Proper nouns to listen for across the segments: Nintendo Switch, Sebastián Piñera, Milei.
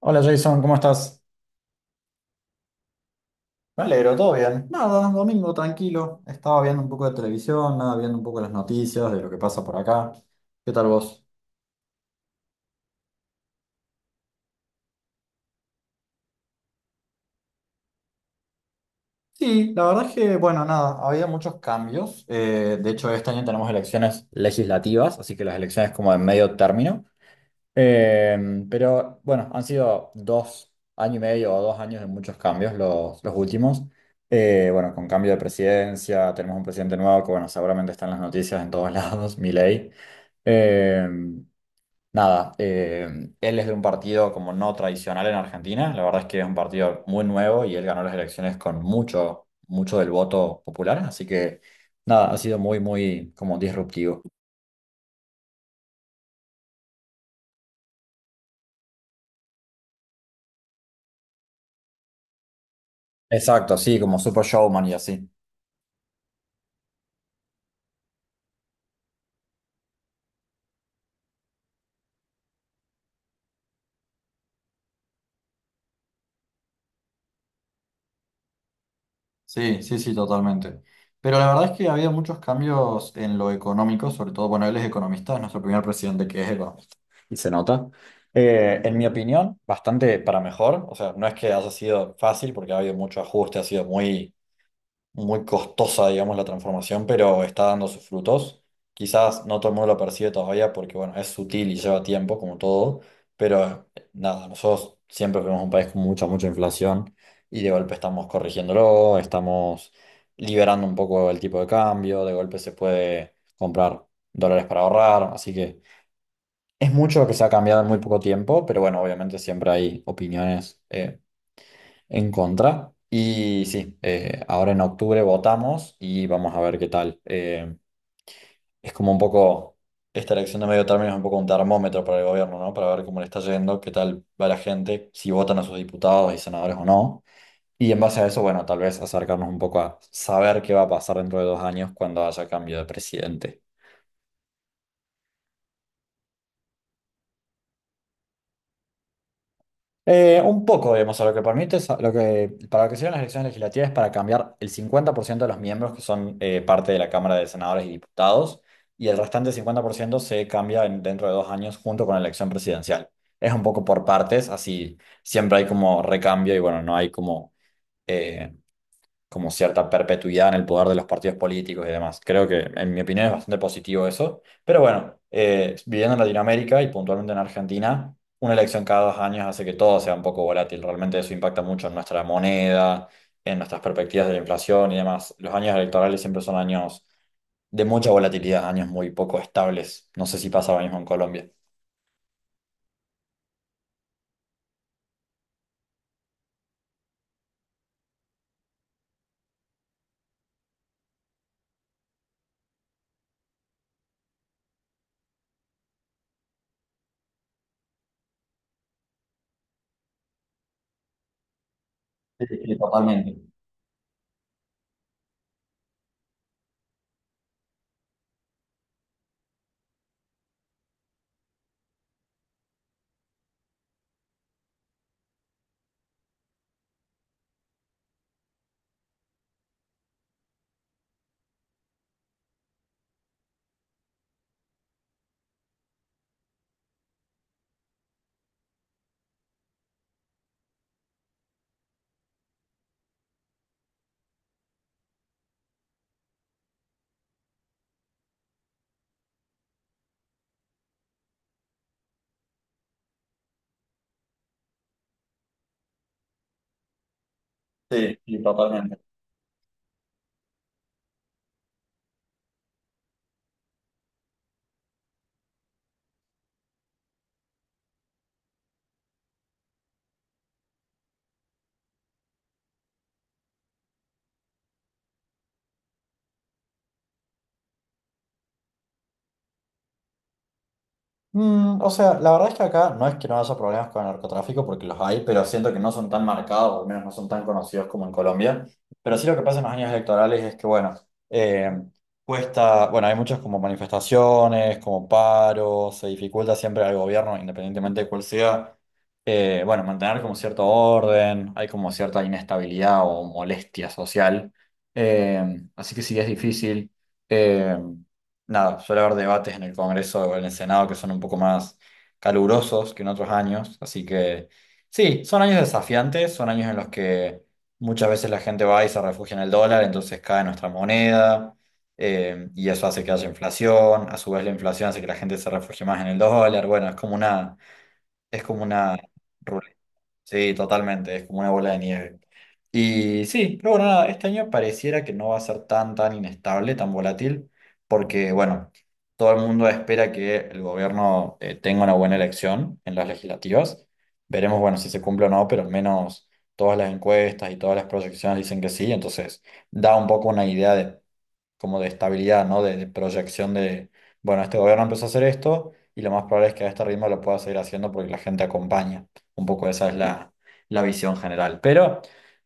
Hola Jason, ¿cómo estás? Me alegro, todo bien. Nada, domingo tranquilo. Estaba viendo un poco de televisión, nada, viendo un poco las noticias de lo que pasa por acá. ¿Qué tal vos? Sí, la verdad es que, bueno, nada, había muchos cambios. De hecho, este año tenemos elecciones legislativas, así que las elecciones como de medio término. Pero bueno, han sido 2 años y medio o 2 años de muchos cambios los últimos. Bueno, con cambio de presidencia, tenemos un presidente nuevo que, bueno, seguramente están las noticias en todos lados, Milei. Eh, Nada, él es de un partido como no tradicional en Argentina. La verdad es que es un partido muy nuevo y él ganó las elecciones con mucho, mucho del voto popular. Así que nada, ha sido muy, muy como disruptivo. Exacto, sí, como super showman y así. Sí, sí, sí, totalmente. Pero la verdad es que ha habido muchos cambios en lo económico, sobre todo, bueno, él es economista, es nuestro primer presidente que es economista. Y se nota. En mi opinión, bastante para mejor. O sea, no es que haya sido fácil porque ha habido mucho ajuste, ha sido muy muy costosa, digamos, la transformación, pero está dando sus frutos. Quizás no todo el mundo lo percibe todavía porque, bueno, es sutil y lleva tiempo, como todo, pero nada, nosotros siempre fuimos un país con mucha, mucha inflación y de golpe estamos corrigiéndolo, estamos liberando un poco el tipo de cambio, de golpe se puede comprar dólares para ahorrar, así que es mucho lo que se ha cambiado en muy poco tiempo, pero bueno, obviamente siempre hay opiniones, en contra. Y sí, ahora en octubre votamos y vamos a ver qué tal. Es como un poco, esta elección de medio término es un poco un termómetro para el gobierno, ¿no? Para ver cómo le está yendo, qué tal va la gente, si votan a sus diputados y senadores o no. Y en base a eso, bueno, tal vez acercarnos un poco a saber qué va a pasar dentro de 2 años cuando haya cambio de presidente. Un poco, digamos, a lo que permite, lo que, para lo que sirven las elecciones legislativas es para cambiar el 50% de los miembros que son parte de la Cámara de Senadores y Diputados, y el restante 50% se cambia dentro de 2 años junto con la elección presidencial. Es un poco por partes, así siempre hay como recambio y bueno, no hay eh, como cierta perpetuidad en el poder de los partidos políticos y demás. Creo que, en mi opinión, es bastante positivo eso. Pero bueno, viviendo en Latinoamérica y puntualmente en Argentina, una elección cada 2 años hace que todo sea un poco volátil. Realmente eso impacta mucho en nuestra moneda, en nuestras perspectivas de la inflación y demás. Los años electorales siempre son años de mucha volatilidad, años muy poco estables. No sé si pasa lo mismo en Colombia. Sí, sí, totalmente. Sí, sí, totalmente. Mm, o sea, la verdad es que acá no es que no haya problemas con el narcotráfico, porque los hay, pero siento que no son tan marcados, o al menos no son tan conocidos como en Colombia. Pero sí lo que pasa en los años electorales es que, bueno, eh, cuesta, bueno, hay muchas como manifestaciones, como paros, se dificulta siempre al gobierno, independientemente de cuál sea, bueno, mantener como cierto orden, hay como cierta inestabilidad o molestia social. Así que sí es difícil. Eh, Nada, suele haber debates en el Congreso o en el Senado que son un poco más calurosos que en otros años, así que sí, son años desafiantes, son años en los que muchas veces la gente va y se refugia en el dólar, entonces cae nuestra moneda y eso hace que haya inflación, a su vez la inflación hace que la gente se refugie más en el dólar, bueno, es como una, ruleta. Sí, totalmente, es como una bola de nieve. Y sí, pero bueno, nada, este año pareciera que no va a ser tan, tan inestable, tan volátil, porque bueno, todo el mundo espera que el gobierno tenga una buena elección en las legislativas. Veremos, bueno, si se cumple o no, pero al menos todas las encuestas y todas las proyecciones dicen que sí, entonces da un poco una idea como de estabilidad, ¿no? De proyección de, bueno, este gobierno empezó a hacer esto y lo más probable es que a este ritmo lo pueda seguir haciendo porque la gente acompaña. Un poco esa es la visión general. Pero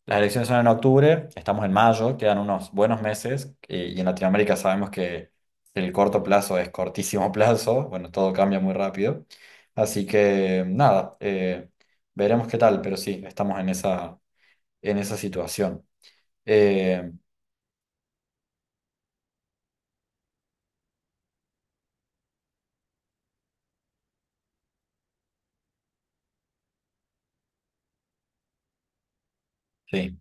las elecciones son en octubre, estamos en mayo, quedan unos buenos meses y en Latinoamérica sabemos que el corto plazo es cortísimo plazo, bueno, todo cambia muy rápido. Así que nada, veremos qué tal, pero sí, estamos en esa situación. Eh, sí,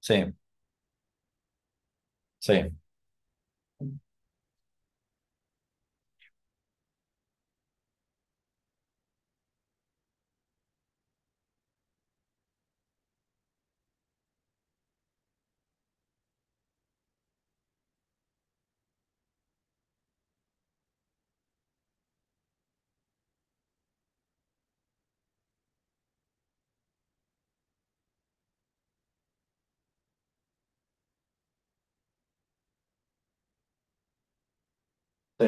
sí, sí. Sí.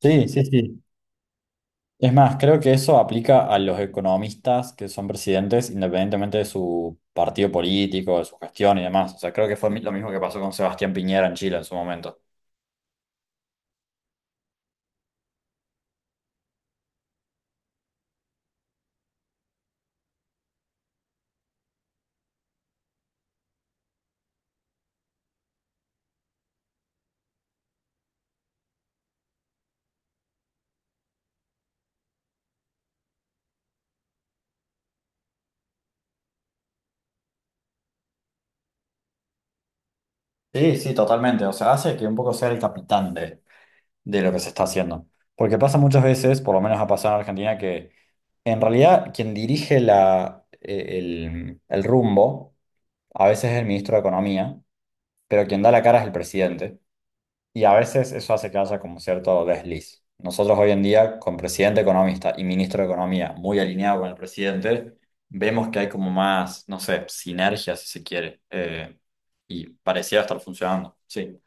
Sí, sí, sí. Es más, creo que eso aplica a los economistas que son presidentes independientemente de su partido político, de su gestión y demás. O sea, creo que fue lo mismo que pasó con Sebastián Piñera en Chile en su momento. Sí, sí, totalmente. O sea, hace que un poco sea el capitán de lo que se está haciendo. Porque pasa muchas veces, por lo menos ha pasado en Argentina, que en realidad quien dirige el rumbo a veces es el ministro de Economía, pero quien da la cara es el presidente. Y a veces eso hace que haya como cierto desliz. Nosotros hoy en día, con presidente economista y ministro de Economía muy alineado con el presidente, vemos que hay como más, no sé, sinergia si se quiere, y pareciera estar funcionando. Sí.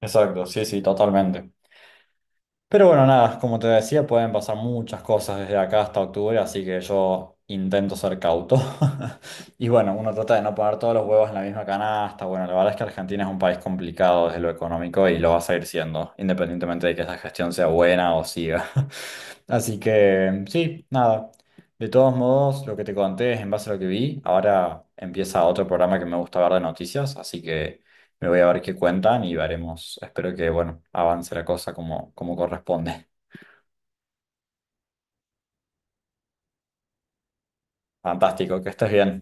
Exacto, sí, sí, totalmente. Pero bueno, nada, como te decía, pueden pasar muchas cosas desde acá hasta octubre, así que yo intento ser cauto. Y bueno, uno trata de no poner todos los huevos en la misma canasta. Bueno, la verdad es que Argentina es un país complicado desde lo económico y lo va a seguir siendo, independientemente de que esa gestión sea buena o siga. Así que sí, nada. De todos modos, lo que te conté es en base a lo que vi. Ahora empieza otro programa que me gusta ver de noticias, así que... Me voy a ver qué cuentan y veremos. Espero que, bueno, avance la cosa como corresponde. Fantástico, que estés bien.